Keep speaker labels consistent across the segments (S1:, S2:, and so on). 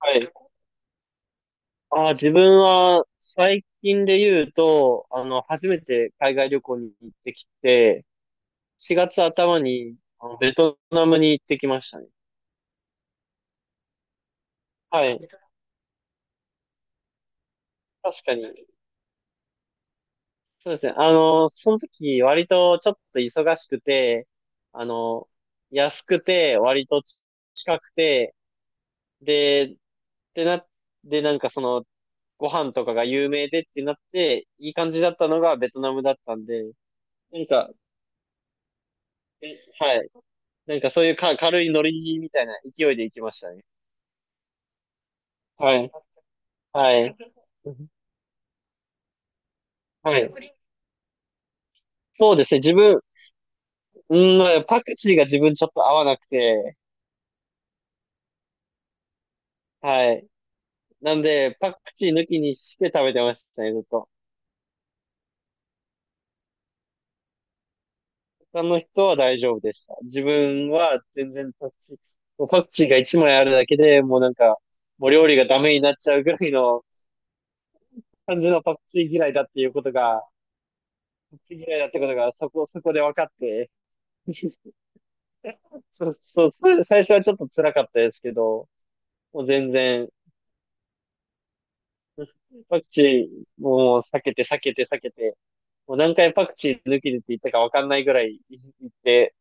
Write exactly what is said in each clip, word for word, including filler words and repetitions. S1: はい。あー、自分は最近で言うと、あの、初めて海外旅行に行ってきて、しがつ頭にあのベトナムに行ってきましたね。はい。確かに。そうですね。あの、その時割とちょっと忙しくて、あの、安くて、割と近くて、で、でな、で、なんかその、ご飯とかが有名でってなって、いい感じだったのがベトナムだったんで、なんか、えはい。なんかそういうか軽いノリみたいな勢いで行きましたね。はい。はい。はい。そうですね。自分、うんまあ、パクチーが自分ちょっと合わなくて、はい。なんで、パクチー抜きにして食べてましたね、ずっと。他の人は大丈夫でした。自分は全然パクチー、もうパクチーが一枚あるだけでもうなんか、もう料理がダメになっちゃうぐらいの感じのパクチー嫌いだっていうことが、パクチー嫌いだってことがそこそこで分かって、そう、そう、それで最初はちょっと辛かったですけど、もう全然、パクチーもう避けて避けて避けて、もう何回パクチー抜きでって言ったかわかんないぐらい言って、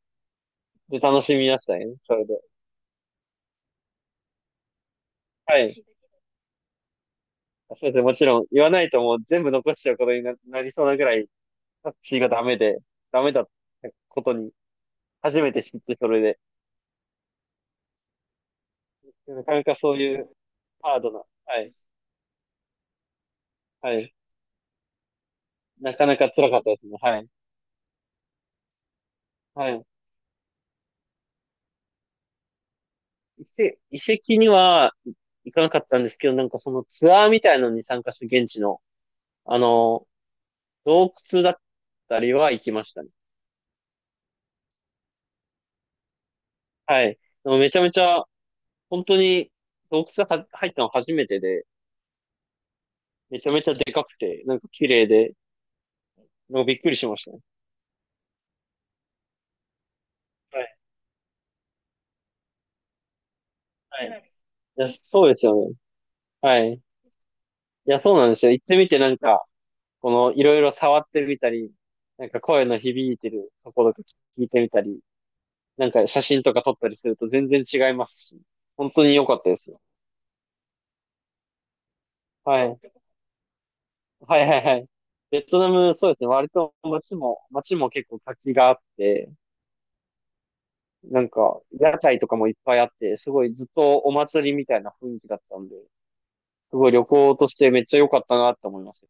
S1: で、楽しみましたね、それで。はい。それでもちろん言わないともう全部残しちゃうことにな、なりそうなぐらい、パクチーがダメで、ダメだったことに、初めて知ってそれで。なかなかそういうハードな、はい、はい。なかなか辛かったですね、はい。はい。遺跡、遺跡には行かなかったんですけど、なんかそのツアーみたいのに参加する現地の、あの、洞窟だったりは行きましたね。はい。でもめちゃめちゃ、本当に洞窟がは入ったの初めてで、めちゃめちゃでかくて、なんか綺麗で、なんかびっくりしましたね。はい。はい。いや、そうですよね。はい。いや、そうなんですよ。行ってみてなんか、このいろいろ触ってみたり、なんか声の響いてるところとか聞いてみたり、なんか写真とか撮ったりすると全然違いますし、本当に良かったですよ。はい。はいはいはい。ベトナム、そうですね。割と街も、街も結構活気があって、なんか、屋台とかもいっぱいあって、すごいずっとお祭りみたいな雰囲気だったんで、すごい旅行としてめっちゃ良かったなって思います。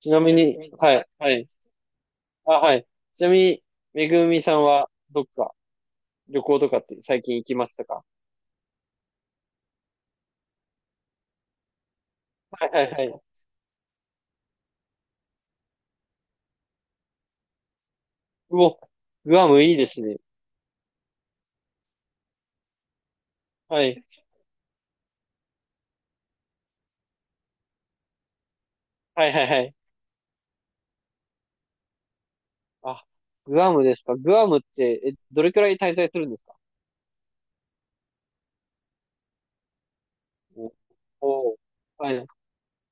S1: ちなみに、はい、はい。あ、はい。ちなみに、めぐみさんはどっか旅行とかって最近行きましたか？はいはいはい。うお、グアムいいですね。はい。はいはいはい。あ、グアムですか。グアムって、え、どれくらい滞在するんですか？お、おー、はい、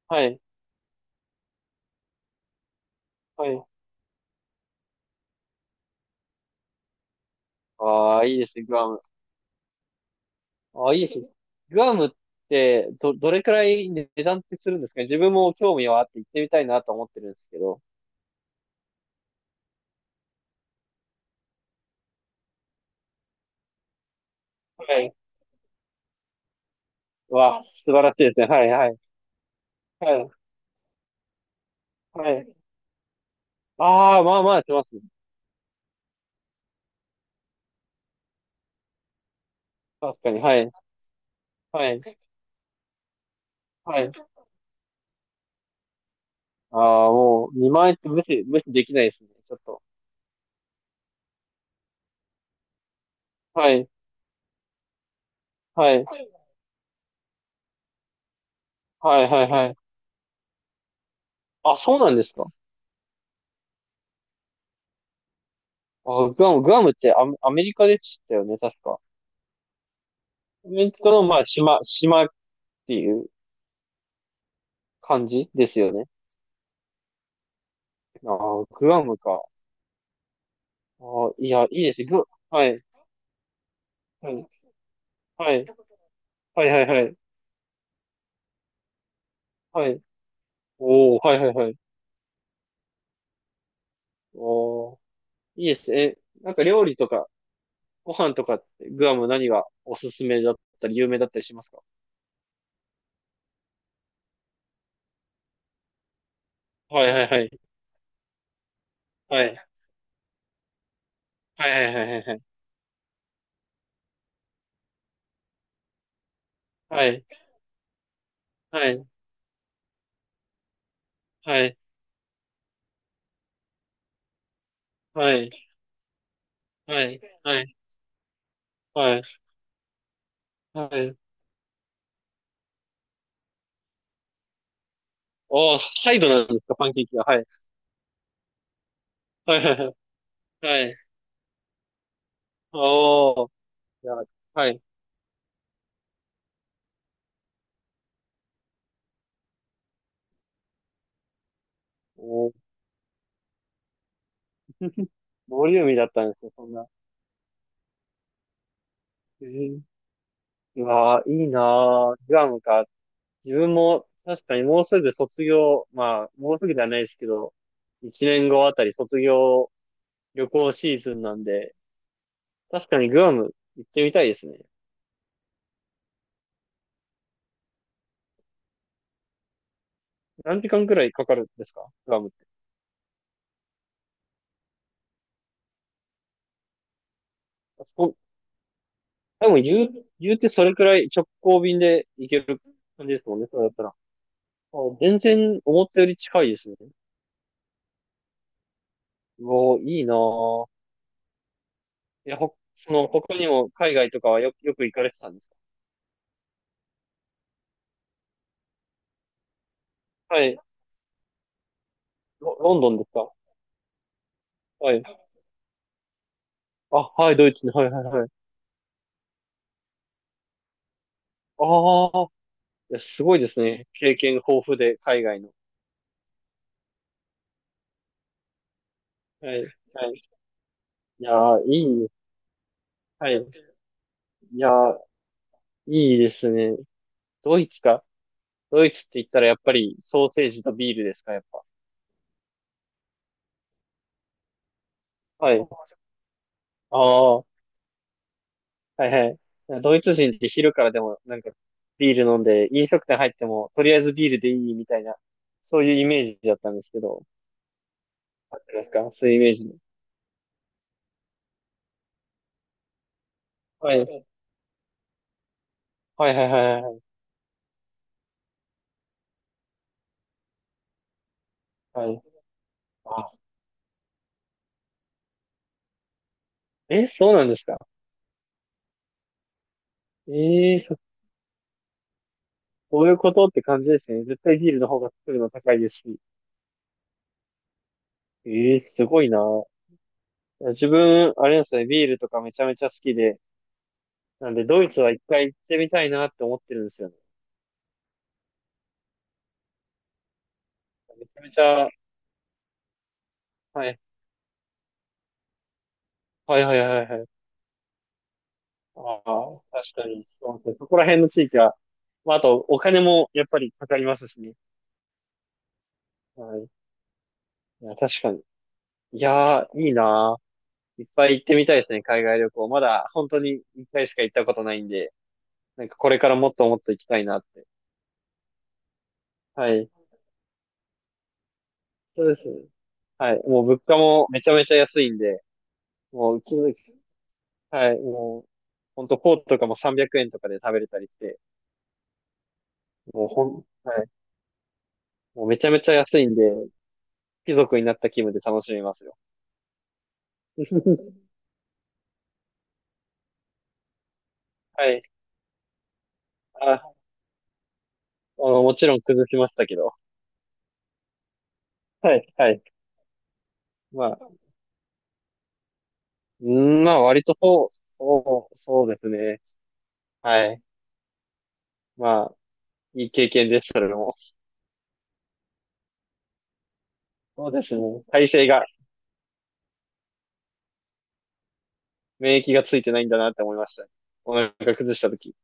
S1: はい、はい。ああ、いいですね、グアム。ああ、いいですね。グアムって、ど、どれくらい値段ってするんですかね？自分も興味はあって行ってみたいなと思ってるんですけど。はい。わあ、素晴らしいですね。はい、はい、はい、はい。ああ、まあまあしますね。確かに、はい、はい、はい。ああ、もう、にまんえん円って無視、無視できないですね。ちょっと。はい、はい、はい、はい、はい。あ、そうなんですか？あグアムグアムってあアメリカでしたよね、確か。アメリカのまあ島島っていう感じですよね。あ、グアムか。あ、いやいいです、グ、はいはいはいはいはいはいはい。おはいはいはい。おいいです、え、なんか料理とかご飯とか、グアム何がおすすめだったり有名だったりしますか？はいはいはいはいはいはいはいはいはいはいはいはいはい。おー、サイドなんですか、パンケーキが。はい。はいはいはい。はい。おー、いや、はい。おー、ボリューミーだったんですよ、そんな。うん、うわー、いいなー。グアムか。自分も、確かにもうすぐ卒業、まあ、もうすぐではないですけど、一年後あたり卒業旅行シーズンなんで、確かにグアム行ってみたいですね。何時間くらいかかるんですか、グアムって。あそこ、多分言う、言うてそれくらい直行便で行ける感じですもんね、そうだったら。あ、全然思ったより近いですね。うわ、いいなぁ。いや、ほ、その、他にも海外とかはよ、よく行かれてたんですか？はい。ロ、ロンドンですか？はい。あ、はい、ドイツに、はい、はい、はい。ああ、いや、すごいですね。経験豊富で、海外の。はい、はい。いやー、いい。はい。いやー、いいですね。ドイツか。ドイツって言ったら、やっぱり、ソーセージとビールですか、やっぱ。はい。ああ。はいはい。ドイツ人って昼からでもなんかビール飲んで、飲食店入ってもとりあえずビールでいいみたいな、そういうイメージだったんですけど、あってますか、そういうイメージ。はい。はいはいはいはいはい。あ、え、そうなんですか？ええそ、そういうことって感じですね。絶対ビールの方が作るの高いですし。ええ、すごいな。自分、あれなんですね、ビールとかめちゃめちゃ好きで、なんでドイツは一回行ってみたいなって思ってるんですよね。めちゃめちゃ、はい、はいはいはいはい。ああ、確かに、そうですね。そこら辺の地域は、まあ、あと、お金もやっぱりかかりますしね。はい。いや、確かに。いやー、いいなー。いっぱい行ってみたいですね、海外旅行。まだ、本当に一回しか行ったことないんで、なんかこれからもっともっと行きたいなって。はい。そうですね。はい。もう物価もめちゃめちゃ安いんで、もう、きはい。もう、ほんと、フォーとかもさんびゃくえんとかで食べれたりして、もうほん、はい。もうめちゃめちゃ安いんで、貴族になった気分で楽しめますよ。はい。ああの、もちろん崩しましたけど。はい、はい。まあ、うんまあ、割とそう、そう、そうですね。はい。まあ、いい経験です、それも。そうですね。体勢が、免疫がついてないんだなって思いました。お腹崩した時。